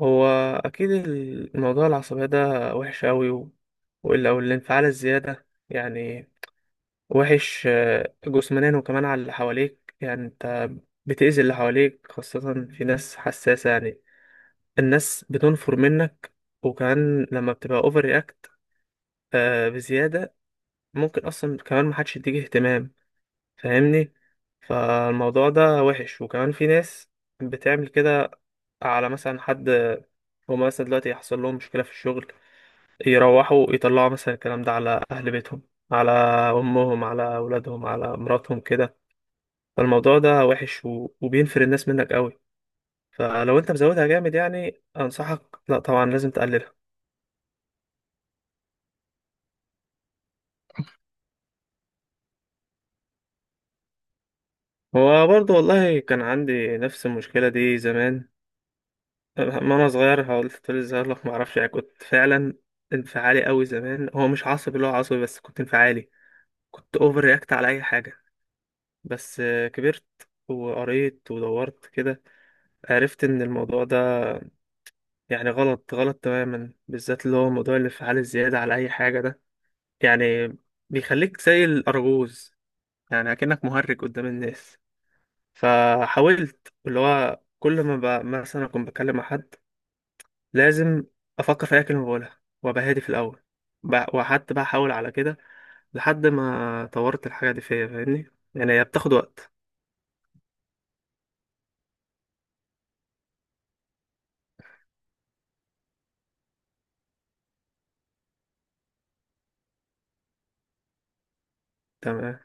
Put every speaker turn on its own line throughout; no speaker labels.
هو أكيد الموضوع العصبية ده وحش أوي أو الانفعال الزيادة يعني وحش جسمانيا، وكمان على اللي حواليك. يعني أنت بتأذي اللي حواليك، خاصة في ناس حساسة يعني. الناس بتنفر منك، وكمان لما بتبقى أوفر رياكت بزيادة ممكن أصلا كمان محدش يديك اهتمام، فاهمني. فالموضوع ده وحش، وكمان في ناس بتعمل كده على مثلا حد. هما مثلا دلوقتي يحصل لهم مشكلة في الشغل، يروحوا يطلعوا مثلا الكلام ده على أهل بيتهم، على أمهم، على أولادهم، على مراتهم كده. فالموضوع ده وحش وبينفر الناس منك قوي. فلو أنت مزودها جامد يعني أنصحك، لا طبعا لازم تقللها. هو برضه والله كان عندي نفس المشكلة دي زمان، أما أنا صغير، حاولت لي صغير لك معرفش. يعني كنت فعلا انفعالي قوي زمان، هو مش عصبي اللي هو عصبي، بس كنت انفعالي، كنت أوفر رياكت على أي حاجة. بس كبرت وقريت ودورت كده، عرفت ان الموضوع ده يعني غلط، غلط تماما، بالذات اللي هو موضوع الانفعال الزيادة على اي حاجة ده. يعني بيخليك زي الارجوز، يعني اكنك مهرج قدام الناس. فحاولت اللي هو كل ما مثلا اكون بكلم مع حد، لازم افكر في اي كلمة بقولها وابقى هادي في الاول. وحتى بقى احاول على كده لحد ما طورت الحاجة دي فيا، فاهمني. يعني هي بتاخد وقت. تمام.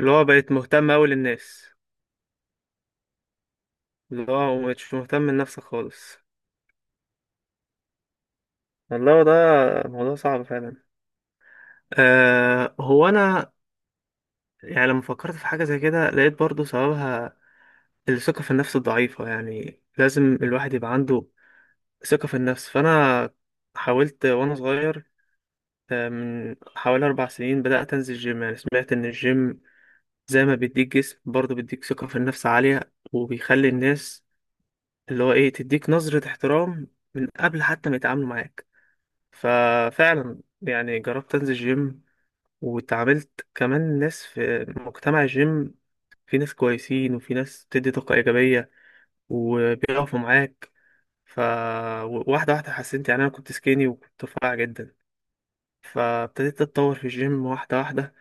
اللي هو بقيت مهتم اوي للناس، اللي هو مش مهتم لنفسك خالص. والله ده موضوع صعب فعلا. أه هو انا يعني لما فكرت في حاجه زي كده لقيت برضو سببها الثقه في النفس الضعيفه. يعني لازم الواحد يبقى عنده ثقه في النفس. فانا حاولت وانا صغير، من حوالي 4 سنين بدات انزل جيم. يعني سمعت ان الجيم زي ما بيديك جسم برضو بيديك ثقه في النفس عاليه، وبيخلي الناس اللي هو ايه تديك نظره احترام من قبل حتى ما يتعاملوا معاك. ففعلا يعني جربت انزل جيم، واتعاملت كمان ناس في مجتمع الجيم. في ناس كويسين، وفي ناس بتدي طاقة إيجابية وبيقفوا معاك. ف واحدة واحدة حسنت. يعني أنا كنت سكيني وكنت رفيع جدا، فابتديت أتطور في الجيم واحدة واحدة،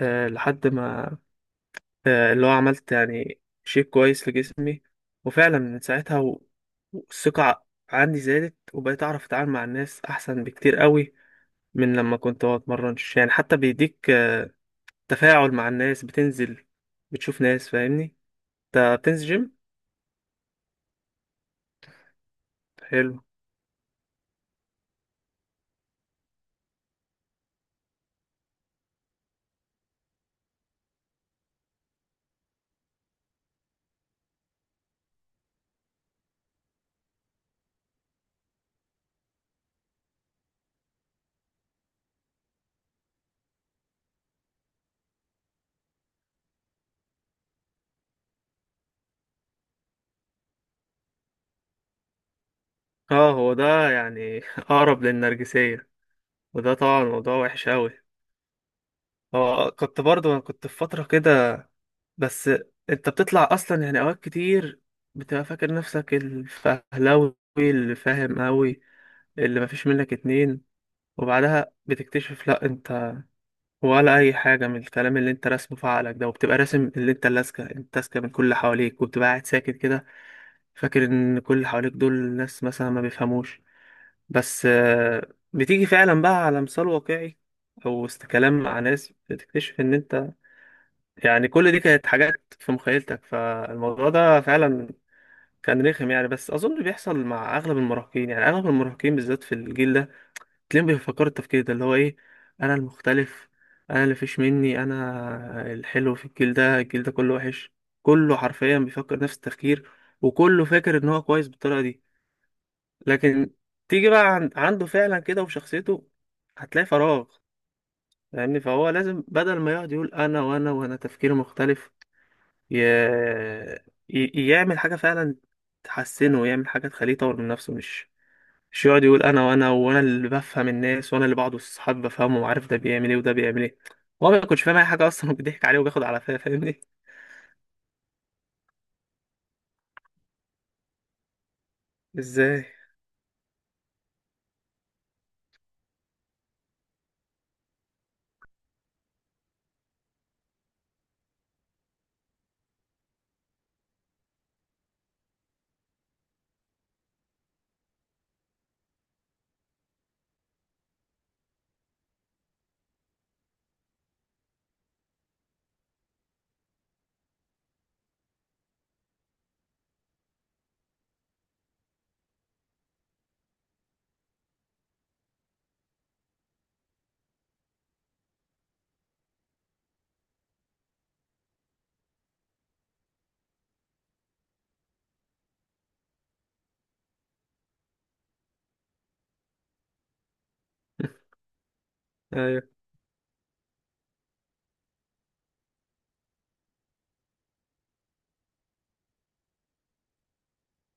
لحد ما اللي هو عملت يعني شيب كويس لجسمي. وفعلا من ساعتها و- والثقة عندي زادت، وبقيت أعرف أتعامل مع الناس أحسن بكتير قوي من لما كنت بتمرنش. يعني حتى بيديك تفاعل مع الناس، بتنزل بتشوف ناس، فاهمني. انت بتنزل جيم؟ حلو. اه هو ده يعني اقرب للنرجسية، وده طبعا موضوع وحش قوي. هو كنت برضو انا كنت في فترة كده. بس انت بتطلع اصلا يعني اوقات كتير بتبقى فاكر نفسك الفهلاوي اللي فاهم قوي، اللي مفيش منك اتنين. وبعدها بتكتشف لا انت ولا اي حاجة من الكلام اللي انت راسمه في عقلك ده، وبتبقى راسم اللي انت اللاسكة، انت لاسكة من كل اللي حواليك، وبتبقى قاعد ساكت كده، فاكر ان كل اللي حواليك دول ناس مثلا ما بيفهموش. بس بتيجي فعلا بقى على مثال واقعي كلام مع ناس، بتكتشف ان انت يعني كل دي كانت حاجات في مخيلتك. فالموضوع ده فعلا كان رخم يعني. بس اظن بيحصل مع اغلب المراهقين، يعني اغلب المراهقين بالذات في الجيل ده تلاقيهم بيفكروا التفكير ده اللي هو ايه. انا المختلف، انا اللي فيش مني، انا الحلو في الجيل ده، الجيل ده كله وحش، كله حرفيا بيفكر نفس التفكير، وكله فاكر ان هو كويس بالطريقة دي. لكن تيجي بقى عنده فعلا كده وفي شخصيته هتلاقي فراغ، فاهمني. فهو لازم بدل ما يقعد يقول انا وانا وانا تفكير مختلف، ي... يعمل حاجة فعلا تحسنه، ويعمل حاجة تخليه يطور من نفسه. مش يقعد يقول انا وانا وانا اللي بفهم الناس، وانا اللي بعض الصحاب بفهمه وعارف ده بيعمل ايه وده بيعمل ايه. هو ما كنتش فاهم اي حاجة اصلا وبيضحك عليه وبياخد على فيها، فاهمني. ازاي؟ ايوه.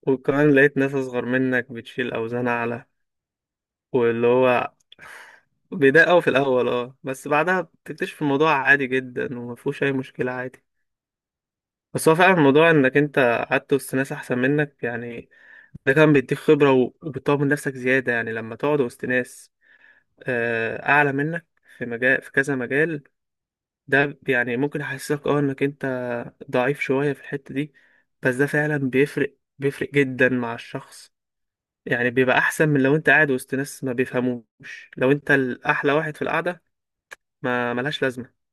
وكمان لقيت ناس اصغر منك بتشيل اوزان اعلى. واللي هو بيضايق قوي في الاول، اه، بس بعدها بتكتشف الموضوع عادي جدا وما فيهوش اي مشكله، عادي. بس هو فعلا الموضوع انك انت قعدت وسط ناس احسن منك يعني، ده كان بيديك خبره و- وبتطور من نفسك زياده. يعني لما تقعد وسط ناس اعلى منك في مجال، في كذا مجال، ده يعني ممكن يحسسك اه انك انت ضعيف شويه في الحته دي، بس ده فعلا بيفرق، بيفرق جدا مع الشخص. يعني بيبقى احسن من لو انت قاعد وسط ناس ما بيفهموش، لو انت الاحلى واحد في القعده ما ملهاش لازمه،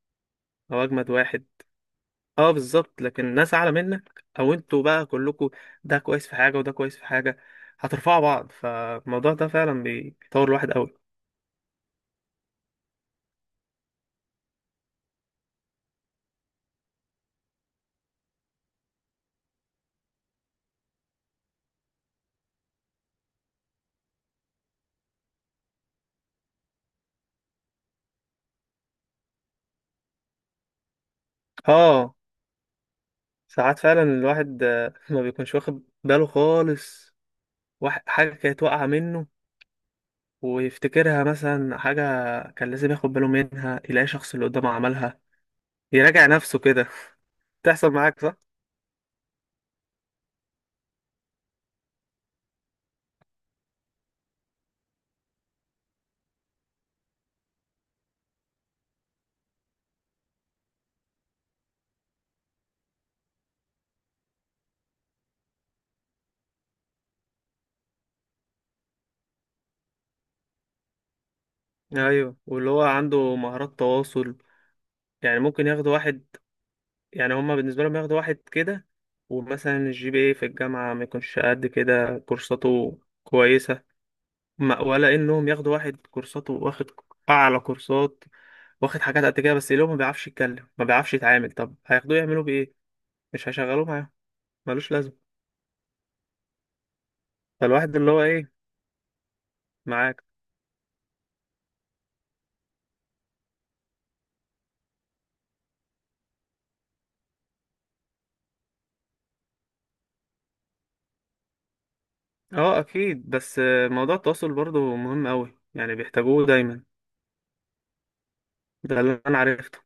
هو اجمد واحد. اه بالظبط. لكن ناس اعلى منك، او انتوا بقى كلكوا ده كويس في حاجه وده كويس في حاجه، هترفعوا بعض. فالموضوع ده فعلا بيطور الواحد قوي. اه ساعات فعلا الواحد ما بيكونش واخد باله خالص. واحد حاجه كانت واقعه منه ويفتكرها مثلا حاجه كان لازم ياخد باله منها، يلاقي شخص اللي قدامه عملها يراجع نفسه كده. تحصل معاك صح؟ ايوه واللي هو عنده مهارات تواصل، يعني ممكن ياخد واحد. يعني هما بالنسبة لهم ياخدوا واحد كده، ومثلا الـ GPA في الجامعة ما يكونش قد كده كورساته كويسة، ولا انهم ياخدوا واحد كورساته واخد اعلى كورسات، واخد حاجات قد كده، بس اللي هو ما بيعرفش يتكلم، ما بيعرفش يتعامل. طب هياخدوه يعملوا بايه؟ مش هيشغلوه معاهم، ملوش لازمة. فالواحد اللي هو ايه معاك. اه اكيد بس موضوع التواصل برضو مهم قوي، يعني بيحتاجوه دايما. ده اللي انا عرفته.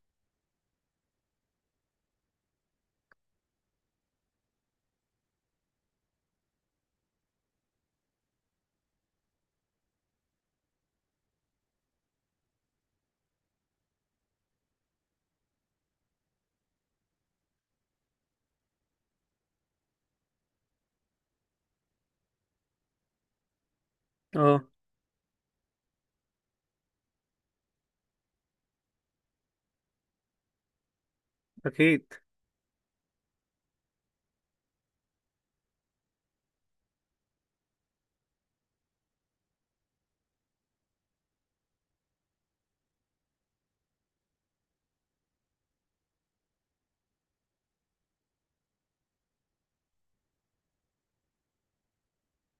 اه اكيد.